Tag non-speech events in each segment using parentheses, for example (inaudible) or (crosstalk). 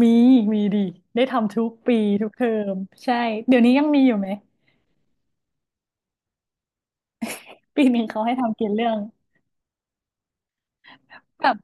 มีมีดีได้ทำทุกปีทุกเทอมใช่เดี๋ยวนี้ยังมีอยู่ไหมปีนี้เขาให้ทำกี่เรื่องแบบ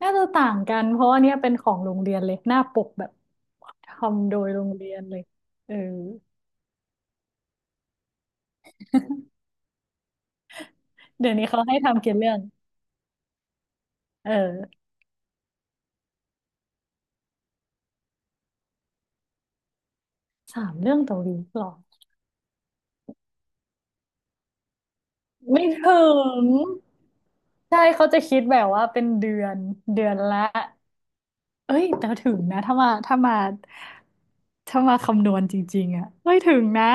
น่าจะต่างกันเพราะว่าเนี่ยเป็นของโรงเรียนเลยหน้าปกแบบทำโดยโรงเรียนเลยเออเดี๋ยวนี้เขาให้ทำกี่เรื่องเออสามเรื่องต่อวีคหรอไม่ถึงใช่เขาจะคิดแบบว่าเป็นเดือนเดือนละเอ้ยแต่ถึงนะถ้ามาคำนวณจริงๆอ่ะเอ้ยถึงนะ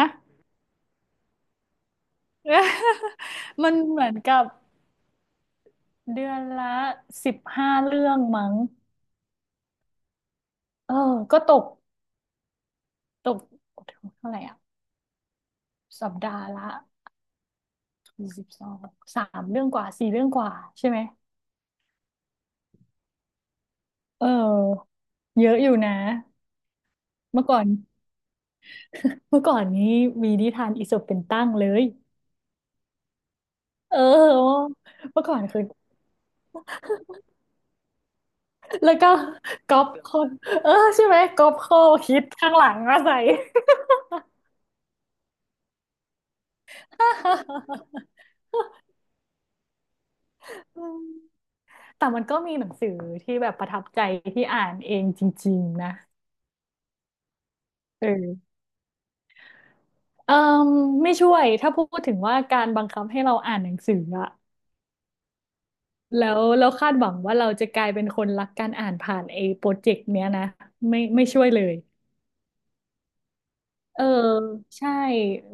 (laughs) มันเหมือนกับเดือนละ15เรื่องมั้งเออก็ตกตกเท่าไหร่อ่ะสัปดาห์ละ12สามเรื่องกว่าสี่เรื่องกว่าใช่ไหมเออเยอะอยู่นะเมื่อก่อนเมื่อก่อนนี้มีนิทานอีสปเป็นตั้งเลยเออเมื่อก่อนคือแล้วก็ก๊อปข้อเออใช่ไหมก๊อปข้อคิดข้างหลังมาใส่ (laughs) แต่มันก็มีหนังสือที่แบบประทับใจที่อ่านเองจริงๆนะเออเอ่มไม่ช่วยถ้าพูดถึงว่าการบังคับให้เราอ่านหนังสืออะแล้วคาดหวังว่าเราจะกลายเป็นคนรักการอ่านผ่านไอ้โปรเจกต์เนี้ยนะไม่ไม่ช่วยเลยเออใช่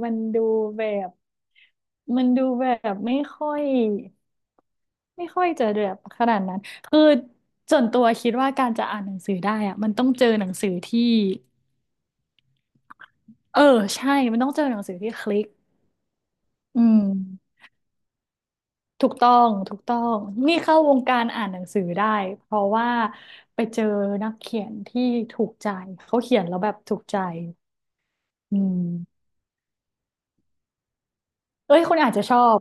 มันดูแบบมันดูแบบไม่ค่อยจะแบบขนาดนั้นคือส่วนตัวคิดว่าการจะอ่านหนังสือได้อะมันต้องเจอหนังสือที่ เออใช่มันต้องเจอหนังสือที่คลิกอืมถูกต้องถูกต้องนี่เข้าวงการอ่านหนังสือได้เพราะว่าไปเจอนักเขียนที่ถูกใจเขาเขียนแล้วแบบถูกใจอืมเอ้ยคุณอาจจะชอบ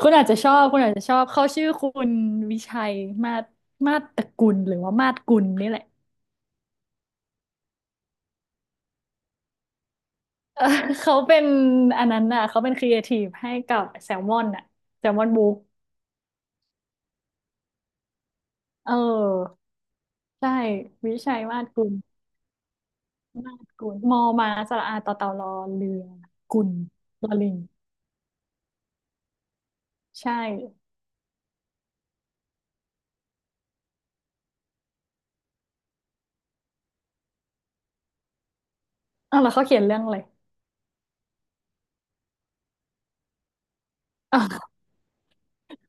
คุณอาจจะชอบคุณอาจจะชอบเขาชื่อคุณวิชัยมาศมาศตระกุลหรือว่ามาศกุลนี่แหละ (laughs) เออเขาเป็นอันนั้นน่ะเขาเป็นครีเอทีฟให้กับแซลมอนน่ะแซลมอนบุ๊กเออใช่วิชัยมาศกุล มาดกุลมอมาสระอาต่อเต่ารอเรือกุลลอลิงใช่อ้าวแล้วเขาเขียนเรื่องอะไรอ้าวเข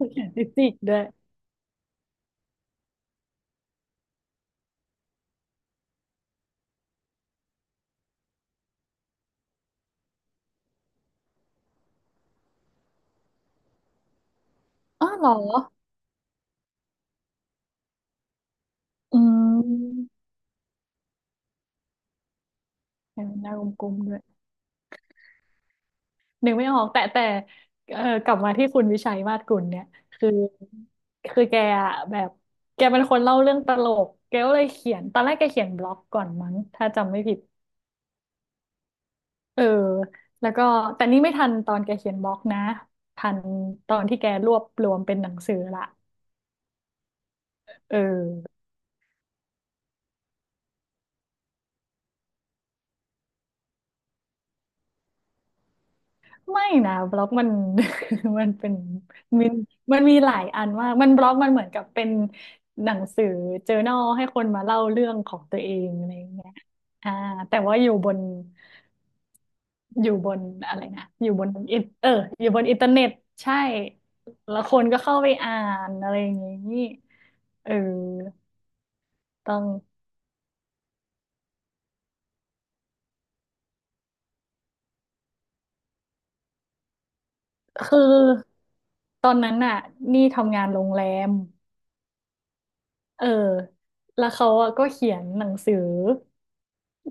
าเขียนฟิสิกส์ด้วยอ้าวเหรออืมเห็นหน้ากลมๆด้วยนึกไม่ออกแต่เออกลับมาที่คุณวิชัยมาศกุลเนี่ยคือคือแกอะแบบแกเป็นคนเล่าเรื่องตลกแกก็เลยเขียนตอนแรกแกเขียนบล็อกก่อนมั้งถ้าจำไม่ผิดเออแล้วก็แต่นี่ไม่ทันตอนแกเขียนบล็อกนะทันตอนที่แกรวบรวมเป็นหนังสือละ เออไม่นะบล็อกมัน (laughs) มันเป็นมันมันมีหลายอันมากมันบล็อกมันเหมือนกับเป็นหนังสือเจอ r n นลให้คนมาเล่าเรื่องของตัวเองอะไรอย่างเงี้ยอ่าแต่ว่าอยู่บนอะไรนะอยู่บนอินเทอร์เน็ตใช่แล้วคนก็เข้าไปอ่านอะไรอย่างงี้เออต้องคือตอนนั้นน่ะนี่ทำงานโรงแรม เออแล้วเขาอะก็เขียนหนังสือ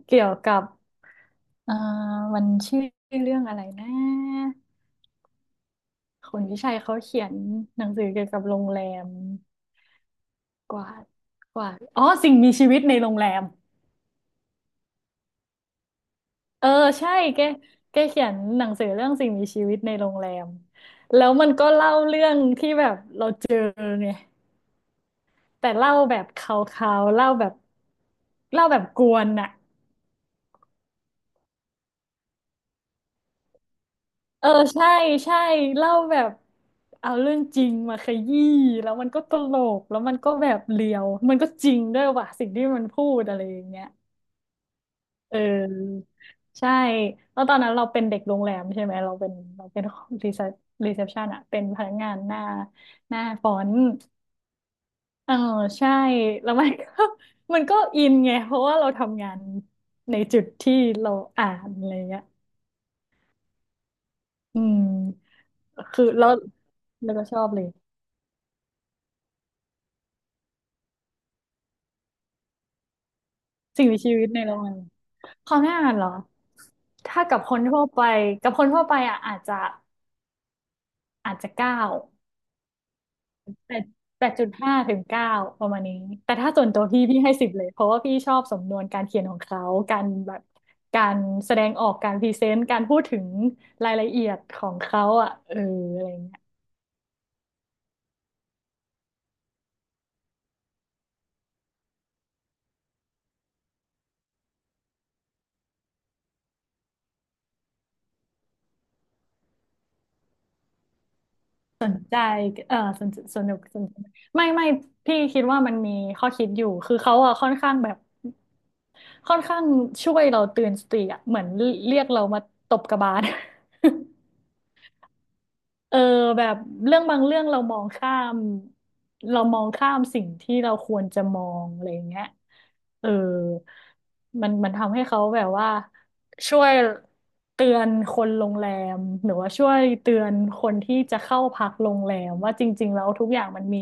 เกี่ยวกับเอ่อมันชื่อเรื่องอะไรนะคนวิชัยเขาเขียนหนังสือเกี่ยวกับโรงแรมกว่าดกว่าดอ๋อสิ่งมีชีวิตในโรงแรมเออใช่แกแกเขียนหนังสือเรื่องสิ่งมีชีวิตในโรงแรมแล้วมันก็เล่าเรื่องที่แบบเราเจอไงแต่เล่าแบบคาวๆเล่าแบบกวนอะ เออใช่ใช่เล่าแบบเอาเรื่องจริงมาขยี้แล้วมันก็ตลกแล้วมันก็แบบเลียวมันก็จริงด้วยว่ะสิ่งที่มันพูดอะไรอย่างเงี้ยเออใช่แล้วตอนนั้นเราเป็นเด็กโรงแรมใช่ไหมเราเป็นรีเซพรีเซพชันอะเป็นพนักงานหน้าฟอนต์เออใช่แล้วมันก็ (laughs) มันก็อินไงเพราะว่าเราทำงานในจุดที่เราอ่านอะไรเงี้ยอืมคือแล้วก็ชอบเลย สิ่งมีชีวิตในโรงงานความน่าอ่านเหรอ ถ้ากับคนทั่วไปอ่ะอาจจะเก้าแปด8.5ถึงเก้าประมาณนี้ แต่ถ้าส่วนตัวพี่ให้สิบเลย เพราะว่าพี่ชอบสำนวนการเขียนของเขา การแบบการแสดงออกการพรีเซนต์การพูดถึงรายละเอียดของเขาอ่ะเอออะไรเงี้ยสนใจเออสนสนุกสนุกไม่ไม่พี่คิดว่ามันมีข้อคิดอยู่ คือเขาอะค่อนข้างแบบ ค่อนข้างช่วยเราตื่นสติอะเหมือนเรียกเรามาตบกระบาล (laughs) เออแบบเรื่องบางเรื่องเรามองข้ามเรามองข้ามสิ่งที่เราควรจะมองอะไรอย่างเงี้ยเออมันทำให้เขาแบบว่าช่วยเตือนคนโรงแรมหรือว่าช่วยเตือนคนที่จะเข้าพักโรงแรมว่าจริงๆแล้วทุกอย่าง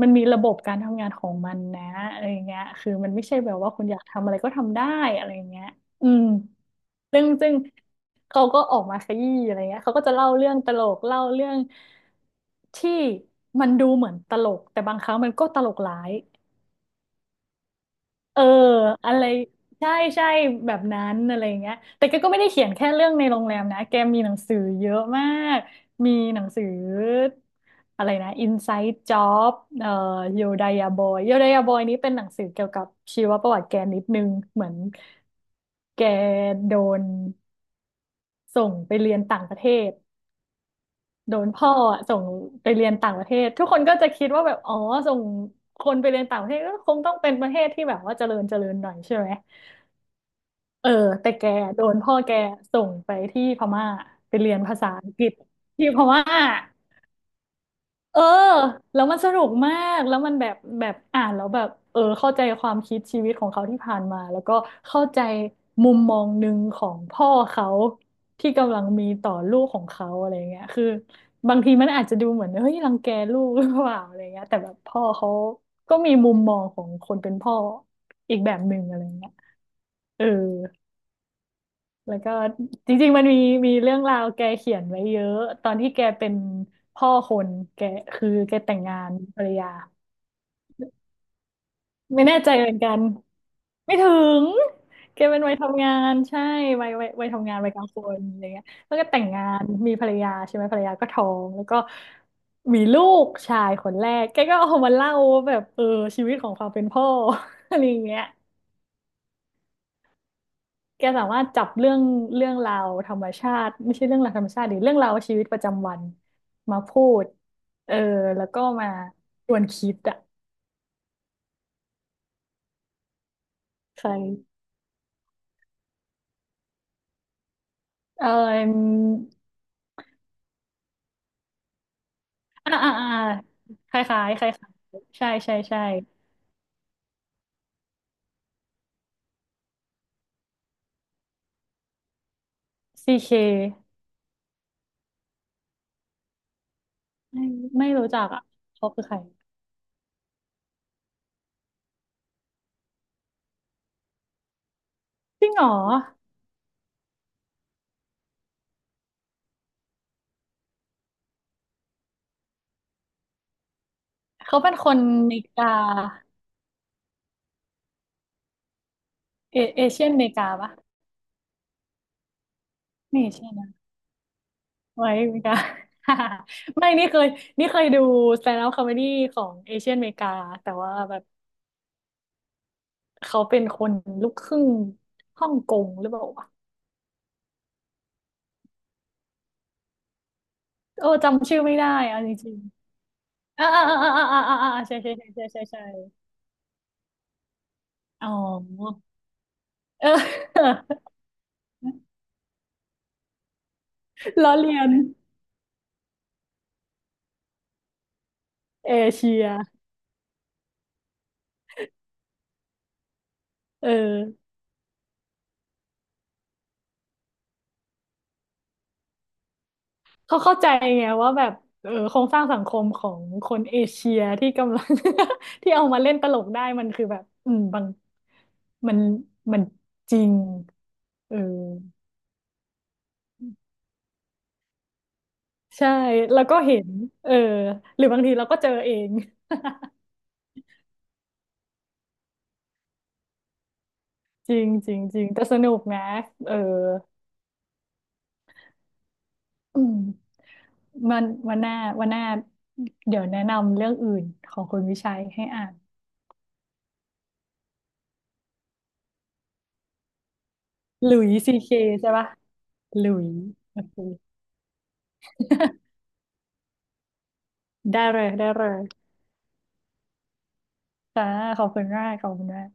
มันมีระบบการทำงานของมันนะอะไรอย่างเงี้ยคือมันไม่ใช่แบบว่าคุณอยากทำอะไรก็ทำได้อะไรอย่างเงี้ยอืม ซึ่งเขาก็ออกมาขยี้อะไรเงี้ยเขาก็จะเล่าเรื่องตลกเล่าเรื่องที่มันดูเหมือนตลกแต่บางครั้งมันก็ตลกร้ายเอออะไรใช่ใช่แบบนั้นอะไรเงี้ยแต่แกก็ไม่ได้เขียนแค่เรื่องในโรงแรมนะแกมีหนังสือเยอะมากมีหนังสืออะไรนะ Inside Job เอ่อ Yodaya Boy Yodaya Boy นี้เป็นหนังสือเกี่ยวกับชีวประวัติแกนิดนึงเหมือนแกโดน ส่งไปเรียนต่างประเทศโดนพ่ออะส่งไปเรียนต่างประเทศทุกคนก็จะคิดว่าแบบอ๋อส่งคนไปเรียนต่างประเทศก็คงต้องเป็นประเทศที่แบบว่าเจริญเจริญหน่อยใช่ไหมเออแต่แกโดนพ่อแกส่งไปที่พม่าไปเรียนภาษาอังกฤษที่พม่า เออแล้วมันสนุกมากแล้วมันแบบอ่านแล้วแบบเข้าใจความคิดชีวิตของเขาที่ผ่านมาแล้วก็เข้าใจมุมมองหนึ่งของพ่อเขาที่กำลังมีต่อลูกของเขาอะไรเงี้ยคือบางทีมันอาจจะดูเหมือนเฮ้ยรังแกลูกหรือเปล่าอะไรเงี้ยแต่แบบพ่อเขาก็มีมุมมองของคนเป็นพ่ออีกแบบหนึ่งอะไรเงี้ยเออ แล้วก็จริงๆมันมีมีเรื่องราวแกเขียนไว้เยอะตอนที่แกเป็นพ่อคนแกคือแกแต่งงานมีภรรยาไม่แน่ใจเหมือนกันไม่ถึงแกเป็นวัยทำงานใช่วัยทำงานวัยกลางคนอะไรเงี้ยแล้วก็แต่งงานมีภรรยาใช่ไหมภรรยาก็ท้องแล้วก็มีลูกชายคนแรกแกก็เอามาเล่าว่าแบบชีวิตของความเป็นพ่อ (laughs) อะไรอย่างเงี้ย แกสามารถจับเรื่องเรื่องราวธรรมชาติไม่ใช่เรื่องราวธรรมชาติดรเรื่องราวชีวิตประจำวันมาพูดเออแล้วก็มาชวนคิดอะใครเอออ่าคล้ายๆใช่ใช่ใช่ซีเคไม่ไม่รู้จักอ่ะเขาคือใครจริงเหรอเขาเป็นคนเมกาเอเอเชียนเมกาปะไม่ใช่นะ ไว้เมกา (laughs) ไม่นี่เคยนี่เคยดูสแตนด์อัพคอมเมดี้ของเอเชียนเมกาแต่ว่าแบบเขาเป็นคนลูกครึ่งฮ่องกงหรือเปล่าวะจำชื่อไม่ได้เอ่ะจริงๆอ่าใช่ใช่ใช่ใช่ใช่ใช่อ๋อเออ (laughs) ล้อเลียนเอเชียเออเขาเข้าใจไงว่าแบบโครงสร้างสังคมของคนเอเชียที่กำลัง (laughs) ที่เอามาเล่นตลกได้มันคือแบบอืมบาง มันมันจริงเออใช่แล้วก็เห็นเออหรือบางทีเราก็เจอเองจริงจริงจริงแต่สนุกนะเอออืมมันวันหน้าวันหน้าเดี๋ยวแนะนำเรื่องอื่นของคุณวิชัยให้อ่านหลุยซีเคใช่ปะหลุยโอเคได้เลยได้เลยค่ะขอบคุณมากขอบคุณมาก